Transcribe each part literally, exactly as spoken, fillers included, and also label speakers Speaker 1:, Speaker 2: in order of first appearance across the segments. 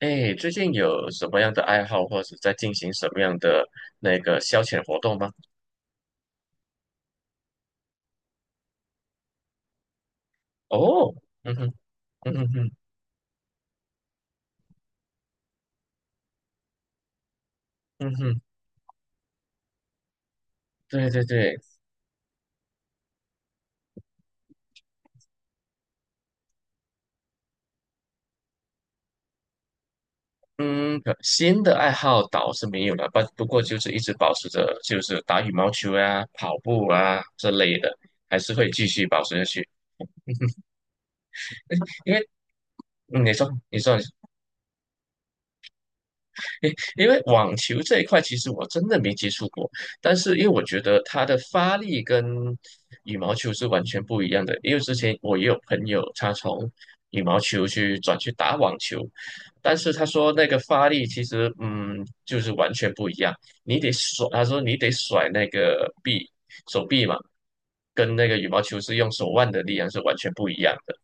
Speaker 1: 哎，最近有什么样的爱好，或者在进行什么样的那个消遣活动吗？哦，嗯哼，嗯哼嗯哼，嗯哼，对对对，嗯，可新的爱好倒是没有了，不不过就是一直保持着，就是打羽毛球啊、跑步啊这类的，还是会继续保持下去。因为，嗯，你说，你说，因因为网球这一块，其实我真的没接触过，但是因为我觉得它的发力跟羽毛球是完全不一样的。因为之前我也有朋友，他从羽毛球去转去打网球，但是他说那个发力其实，嗯，就是完全不一样。你得甩，他说你得甩那个臂，手臂嘛，跟那个羽毛球是用手腕的力量是完全不一样的。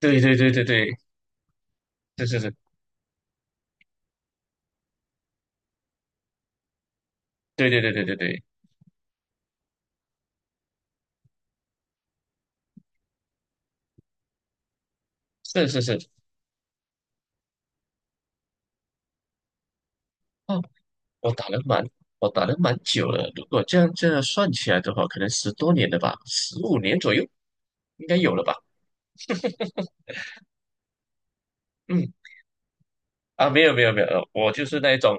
Speaker 1: 对对对对对，是是是，对对对对对对，是是是。我打了蛮，我打了蛮久了。如果这样这样算起来的话，可能十多年了吧，十五年左右应该有了吧。嗯，啊，没有没有没有，我就是那一种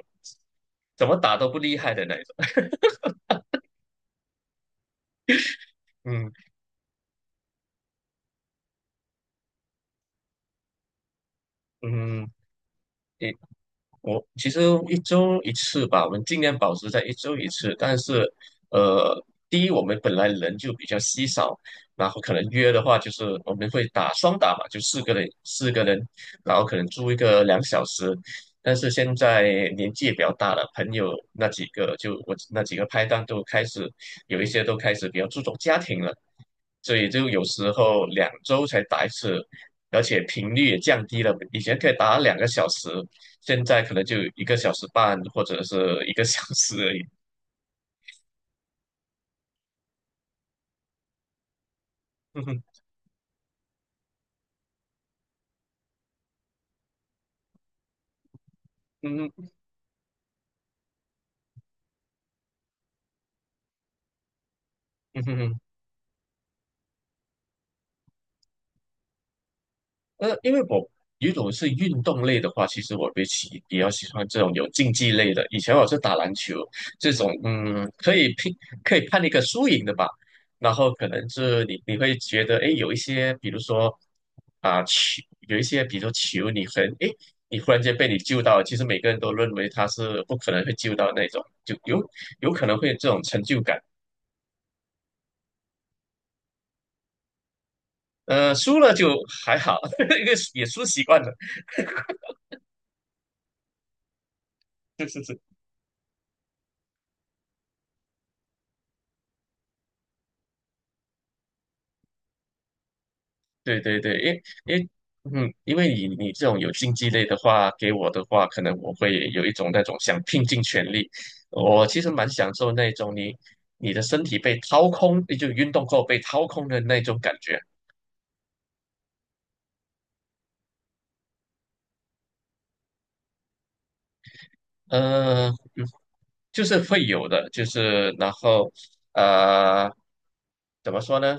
Speaker 1: 怎么打都不厉害的那一种。嗯嗯，我其实一周一次吧，我们尽量保持在一周一次。但是，呃，第一，我们本来人就比较稀少，然后可能约的话，就是我们会打双打嘛，就四个人，四个人，然后可能租一个两小时。但是现在年纪也比较大了，朋友那几个就我那几个拍档都开始有一些都开始比较注重家庭了，所以就有时候两周才打一次，而且频率也降低了。以前可以打两个小时，现在可能就一个小时半或者是一个小时而已。嗯哼，嗯哼，嗯哼嗯哼，呃，因为我如果是运动类的话，其实我比起比较喜欢这种有竞技类的。以前我是打篮球这种，嗯，可以拼，可以判一个输赢的吧。然后可能是你你会觉得，哎，有一些，比如说啊球，有一些，比如说球，你很，哎，你忽然间被你救到了其实每个人都认为他是不可能会救到那种，就有有可能会有这种成就感。呃，输了就还好，因为也输习惯了。是是是，对对对，因因嗯，因为你你这种有竞技类的话，给我的话，可能我会有一种那种想拼尽全力。我其实蛮享受那种你你的身体被掏空，就运动后被掏空的那种感觉。呃，就是会有的，就是然后呃，怎么说呢？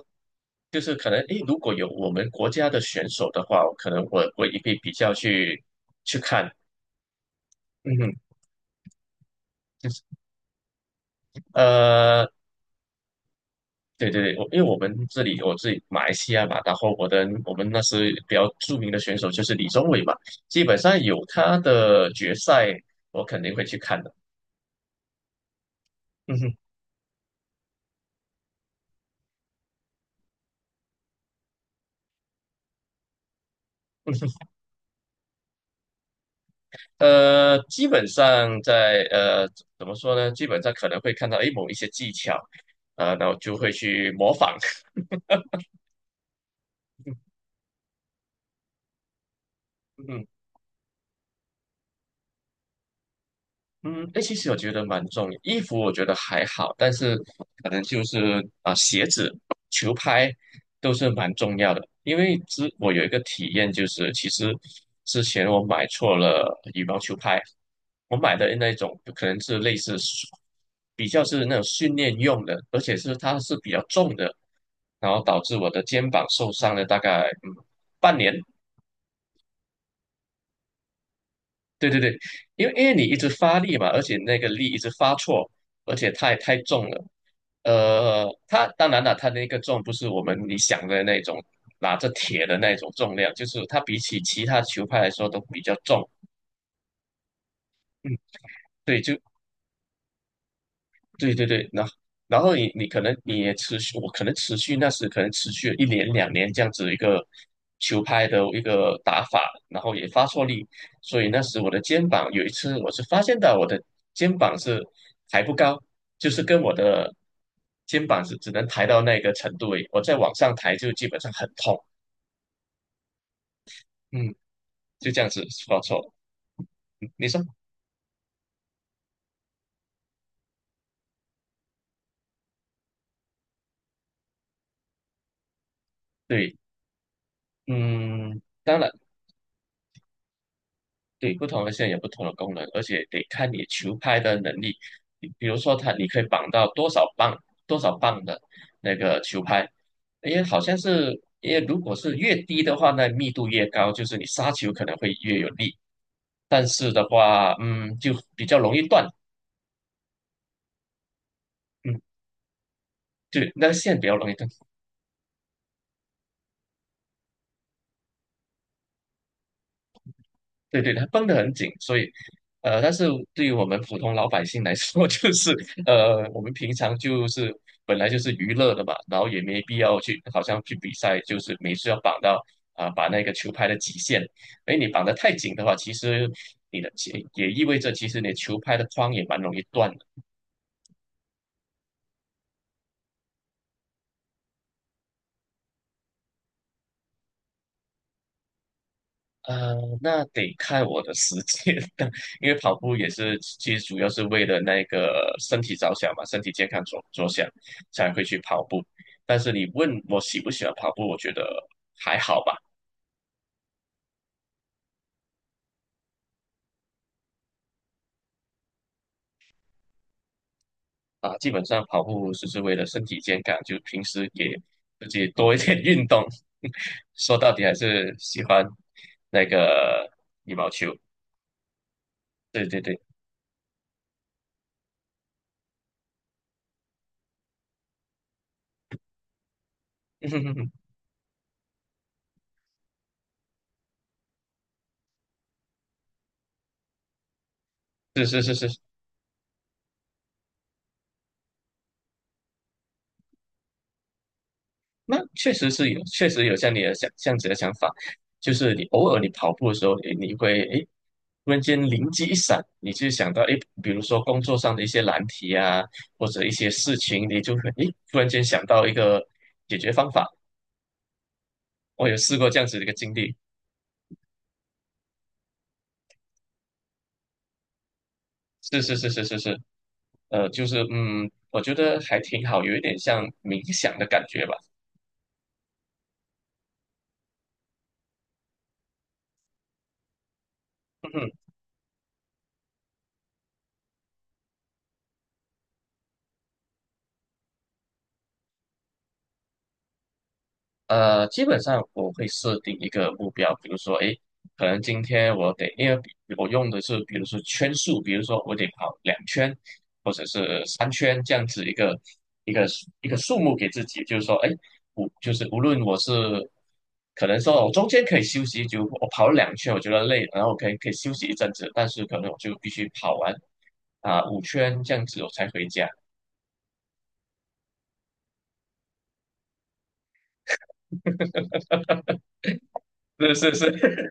Speaker 1: 就是可能诶，如果有我们国家的选手的话，可能我我也会比较去去看，嗯哼，就是呃，对对对，我因为我们这里我自己马来西亚嘛，然后我的我们那时比较著名的选手就是李宗伟嘛，基本上有他的决赛，我肯定会去看的，嗯哼。呃，基本上在呃怎么说呢？基本上可能会看到诶某一些技巧，啊、然后就会去模仿。嗯。嗯，哎，其实我觉得蛮重要。衣服我觉得还好，但是可能就是啊、鞋子、球拍都是蛮重要的。因为之我有一个体验，就是其实之前我买错了羽毛球拍，我买的那种可能是类似比较是那种训练用的，而且是它是比较重的，然后导致我的肩膀受伤了大概嗯半年。对对对，因为因为你一直发力嘛，而且那个力一直发错，而且太太重了。呃，它当然了，它那个重不是我们你想的那种拿着铁的那种重量，就是它比起其他球拍来说都比较重。嗯，对，就对对对，那然后你你可能你也持续，我可能持续那时可能持续了一年两年这样子一个球拍的一个打法，然后也发错力，所以那时我的肩膀有一次我是发现到我的肩膀是抬不高，就是跟我的肩膀是只能抬到那个程度而已，我再往上抬就基本上很痛，嗯，就这样子发错，你说对，嗯，当然。对，不同的线有不同的功能，而且得看你球拍的能力。你比如说它，你可以绑到多少磅、多少磅的那个球拍，因为好像是，因为如果是越低的话，那密度越高，就是你杀球可能会越有力。但是的话，嗯，就比较容易断，嗯，就那个线比较容易断。对对，它绷得很紧，所以，呃，但是对于我们普通老百姓来说，就是呃，我们平常就是本来就是娱乐的嘛，然后也没必要去好像去比赛，就是每次要绑到啊、把那个球拍的极限，哎，你绑得太紧的话，其实你的其也意味着其实你球拍的框也蛮容易断。呃，那得看我的时间，因为跑步也是，其实主要是为了那个身体着想嘛，身体健康着着想才会去跑步。但是你问我喜不喜欢跑步，我觉得还好吧。啊，基本上跑步只是为了身体健康，就平时给自己多一点 运动。说到底还是喜欢那个羽毛球。对对对，是是是是，那确实是有，确实有像你的想这样子的想法，就是你偶尔你跑步的时候，诶你会诶，突然间灵机一闪，你就想到诶，比如说工作上的一些难题啊，或者一些事情，你就会诶，突然间想到一个解决方法。我有试过这样子的一个经历，是是是是是是，呃，就是嗯，我觉得还挺好，有一点像冥想的感觉吧。呃，基本上我会设定一个目标，比如说，诶，可能今天我得，因为比我用的是，比如说圈数，比如说我得跑两圈，或者是三圈这样子一个一个一个数目给自己，就是说，诶，无就是无论我是可能说我中间可以休息，就我跑了两圈，我觉得累，然后我可以可以休息一阵子，但是可能我就必须跑完啊、五圈这样子我才回家，是是是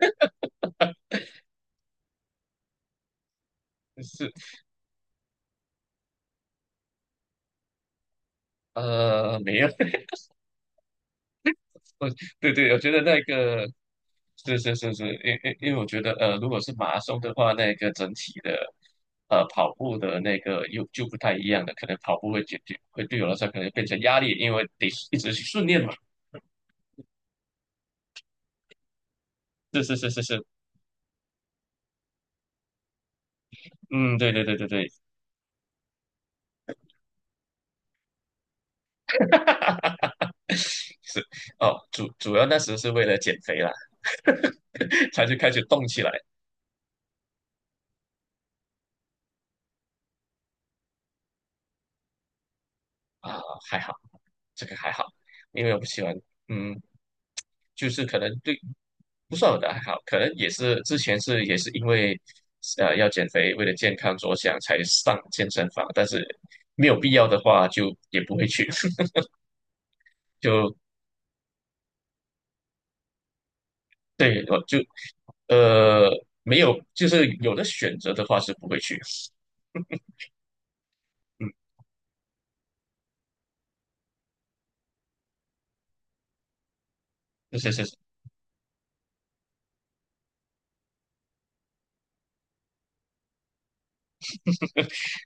Speaker 1: 是，呃，没有。哦，对对，我觉得那个是是是是，因因因为我觉得呃，如果是马拉松的话，那个整体的呃跑步的那个又就不太一样了，可能跑步会解决会对我来说可能变成压力，因为得一直去训练嘛。是是是是是，嗯，对对对对对，是哦，主主要那时是为了减肥啦，才去开始动起来啊，还好这个还好，因为我不喜欢，嗯。就是可能对不算我的爱好，可能也是之前是也是因为呃要减肥，为了健康着想才上健身房，但是没有必要的话就也不会去，就对我就呃没有就是有的选择的话是不会去，嗯。是是是，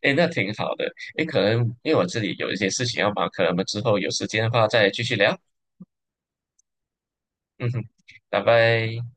Speaker 1: 哎，那挺好的。哎，可能因为我这里有一些事情要忙，可能我们之后有时间的话再继续聊。嗯哼，拜拜。